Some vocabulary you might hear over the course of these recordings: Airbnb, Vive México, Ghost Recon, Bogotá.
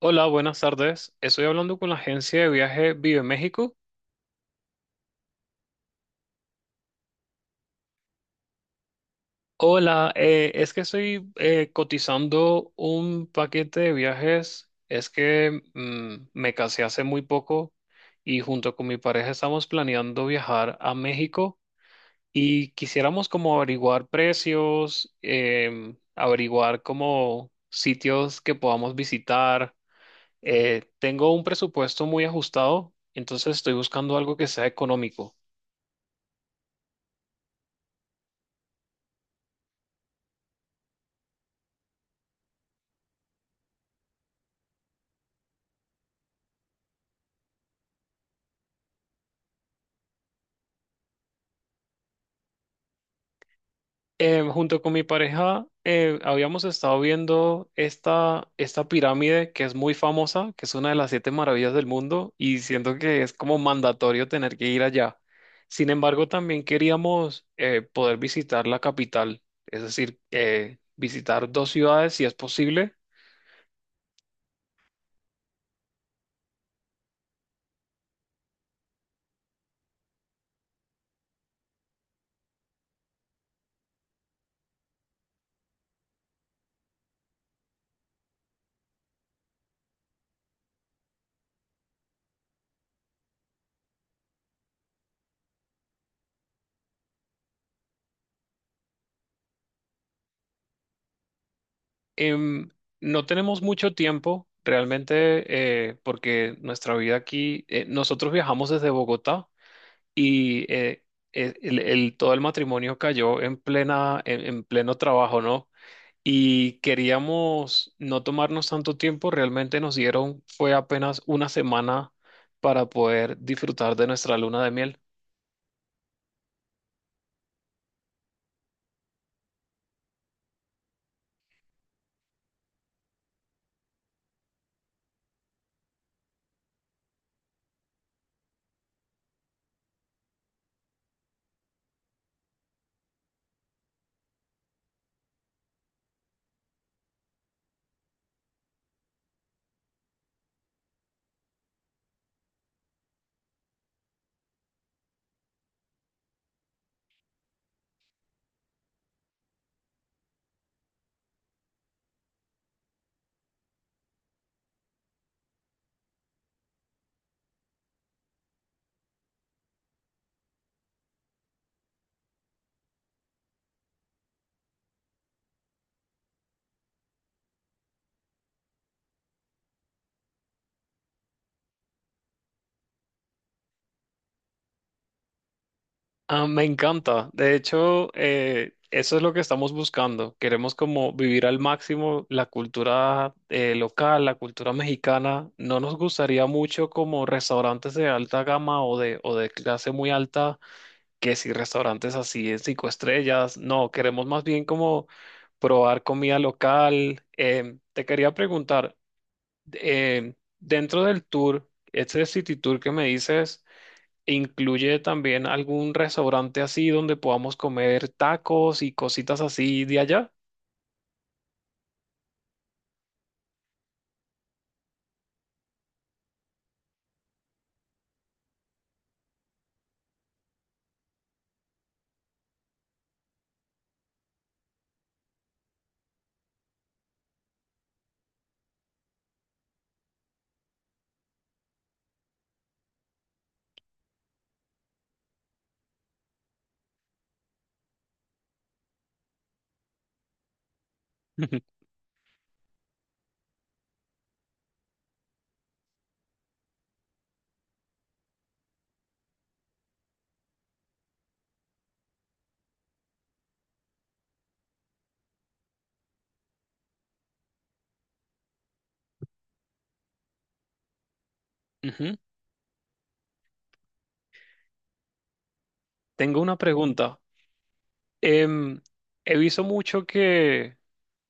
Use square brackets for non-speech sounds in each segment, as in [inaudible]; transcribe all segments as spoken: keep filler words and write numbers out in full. Hola, buenas tardes. Estoy hablando con la agencia de viaje Vive México. Hola, eh, es que estoy eh, cotizando un paquete de viajes. Es que mm, me casé hace muy poco y junto con mi pareja estamos planeando viajar a México y quisiéramos como averiguar precios, em, averiguar como sitios que podamos visitar. Eh, tengo un presupuesto muy ajustado, entonces estoy buscando algo que sea económico. Eh, junto con mi pareja eh, habíamos estado viendo esta, esta pirámide que es muy famosa, que es una de las siete maravillas del mundo, y siento que es como mandatorio tener que ir allá. Sin embargo, también queríamos eh, poder visitar la capital, es decir, eh, visitar dos ciudades si es posible. Em, no tenemos mucho tiempo realmente, eh, porque nuestra vida aquí, eh, nosotros viajamos desde Bogotá. Y eh, eh, el, el- todo el matrimonio cayó en plena, en, en pleno trabajo, ¿no? Y queríamos no tomarnos tanto tiempo, realmente nos dieron, fue apenas una semana para poder disfrutar de nuestra luna de miel. Ah, me encanta, de hecho, eh, eso es lo que estamos buscando, queremos como vivir al máximo la cultura eh, local, la cultura mexicana. No nos gustaría mucho como restaurantes de alta gama o de, o de clase muy alta, que si restaurantes así de cinco estrellas. No, queremos más bien como probar comida local. Em, te quería preguntar, em, dentro del tour, este City Tour que me dices, ¿incluye también algún restaurante así donde podamos comer tacos y cositas así de allá? [laughs] Ujú. Tengo una pregunta. Em, He visto mucho que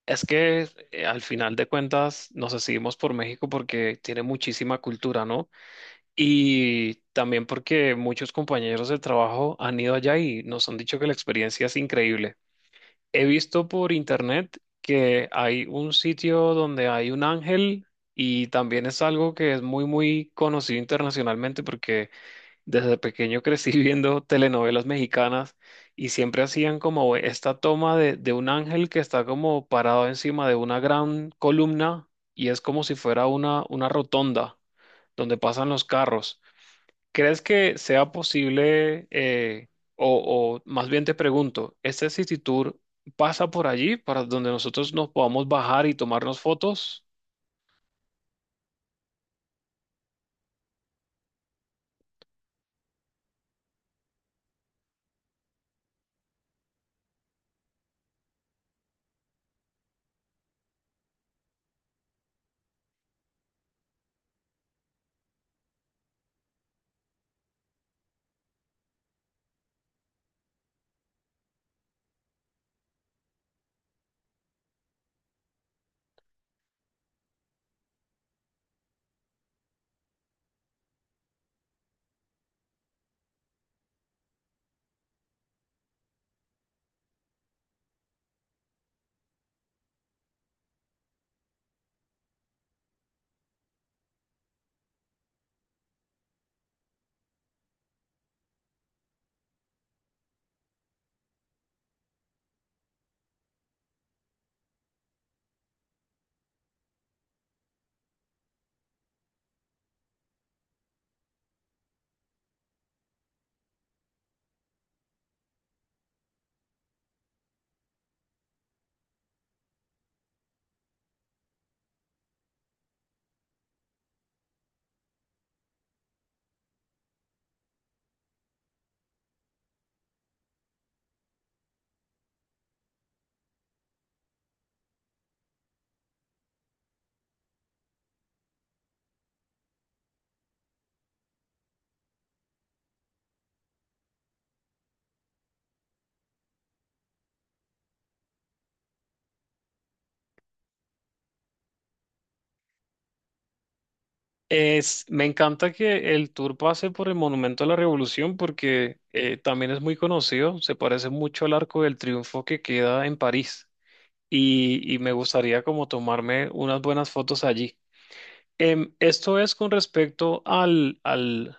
es que eh, al final de cuentas nos decidimos por México porque tiene muchísima cultura, ¿no? Y también porque muchos compañeros de trabajo han ido allá y nos han dicho que la experiencia es increíble. He visto por internet que hay un sitio donde hay un ángel, y también es algo que es muy, muy conocido internacionalmente, porque desde pequeño crecí [laughs] viendo telenovelas mexicanas y siempre hacían como esta toma de, de un ángel que está como parado encima de una gran columna, y es como si fuera una, una rotonda donde pasan los carros. ¿Crees que sea posible, eh, o, o más bien te pregunto, este City Tour pasa por allí para donde nosotros nos podamos bajar y tomarnos fotos? Es, me encanta que el tour pase por el Monumento a la Revolución, porque eh, también es muy conocido, se parece mucho al Arco del Triunfo que queda en París, y, y me gustaría como tomarme unas buenas fotos allí. Em, esto es con respecto al, al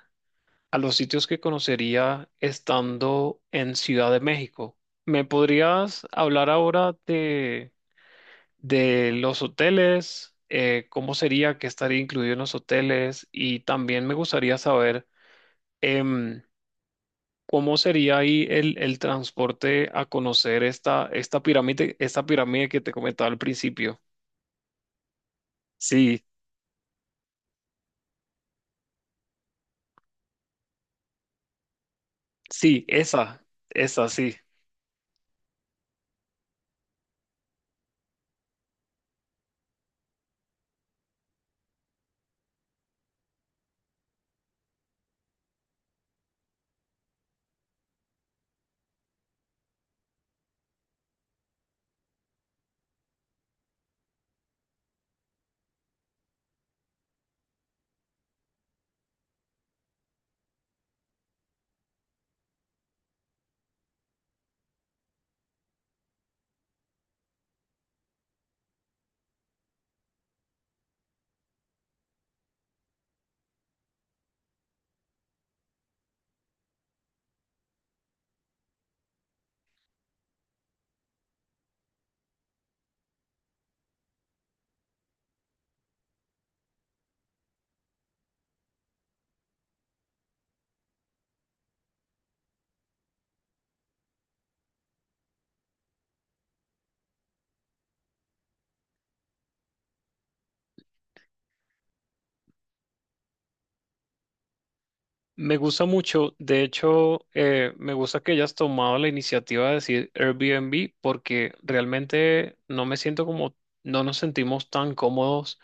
a los sitios que conocería estando en Ciudad de México. ¿Me podrías hablar ahora de, de los hoteles? Eh, ¿cómo sería que estaría incluido en los hoteles? Y también me gustaría saber em, cómo sería ahí el, el transporte a conocer esta, esta pirámide, esta pirámide que te comentaba al principio. Sí, sí, esa, esa, sí. Me gusta mucho, de hecho, eh, me gusta que hayas tomado la iniciativa de decir Airbnb, porque realmente no me siento como, no nos sentimos tan cómodos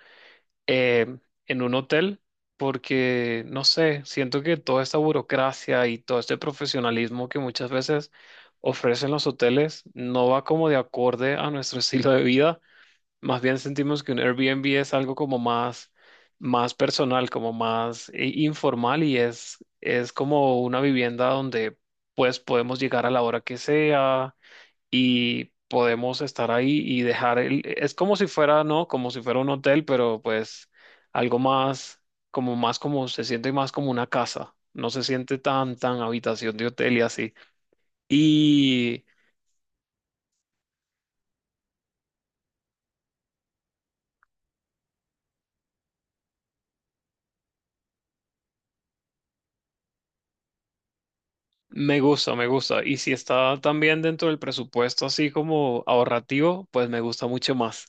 eh, en un hotel, porque, no sé, siento que toda esta burocracia y todo este profesionalismo que muchas veces ofrecen los hoteles no va como de acorde a nuestro [laughs] estilo de vida. Más bien sentimos que un Airbnb es algo como más, más personal, como más eh, informal, y es, es como una vivienda donde pues podemos llegar a la hora que sea y podemos estar ahí y dejar el... Es como si fuera, ¿no? Como si fuera un hotel, pero pues algo más, como más, como se siente más como una casa. No se siente tan, tan habitación de hotel y así. Y... Me gusta, me gusta. Y si está también dentro del presupuesto, así como ahorrativo, pues me gusta mucho más.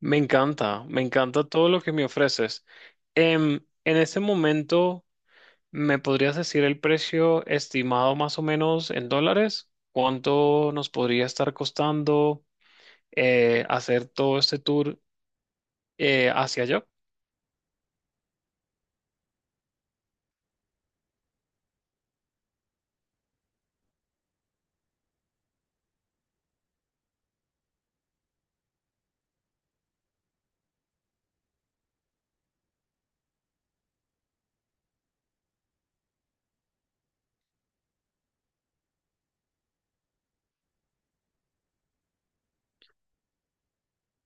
Me encanta, me encanta todo lo que me ofreces. Em, en este momento, ¿me podrías decir el precio estimado más o menos en dólares? ¿Cuánto nos podría estar costando eh, hacer todo este tour eh, hacia allá?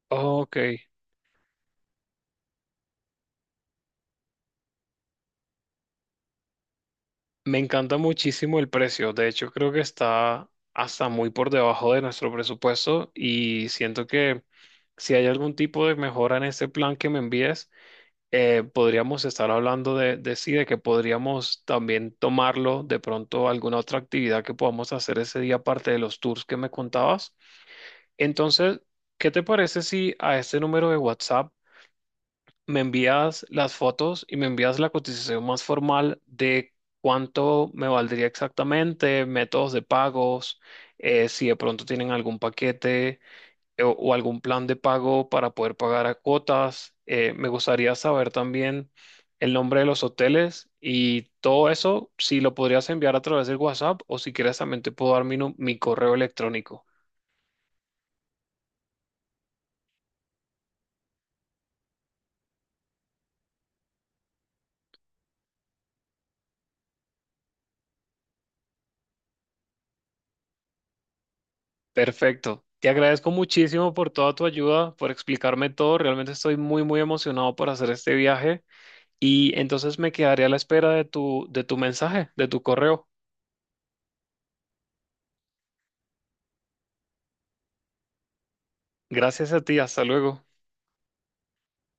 Ok. Me encanta muchísimo el precio. De hecho, creo que está hasta muy por debajo de nuestro presupuesto, y siento que si hay algún tipo de mejora en este plan que me envíes, eh, podríamos estar hablando de, de sí, de que podríamos también tomarlo de pronto a alguna otra actividad que podamos hacer ese día, aparte de los tours que me contabas. Entonces, ¿qué te parece si a este número de WhatsApp me envías las fotos y me envías la cotización más formal de cuánto me valdría exactamente, métodos de pagos, eh, si de pronto tienen algún paquete eh, o, o algún plan de pago para poder pagar a cuotas? Eh, me gustaría saber también el nombre de los hoteles y todo eso, si lo podrías enviar a través del WhatsApp, o si quieres también te puedo dar mi, nu- mi correo electrónico. Perfecto. Te agradezco muchísimo por toda tu ayuda, por explicarme todo. Realmente estoy muy, muy emocionado por hacer este viaje, y entonces me quedaré a la espera de tu, de tu mensaje, de tu correo. Gracias a ti. Hasta luego.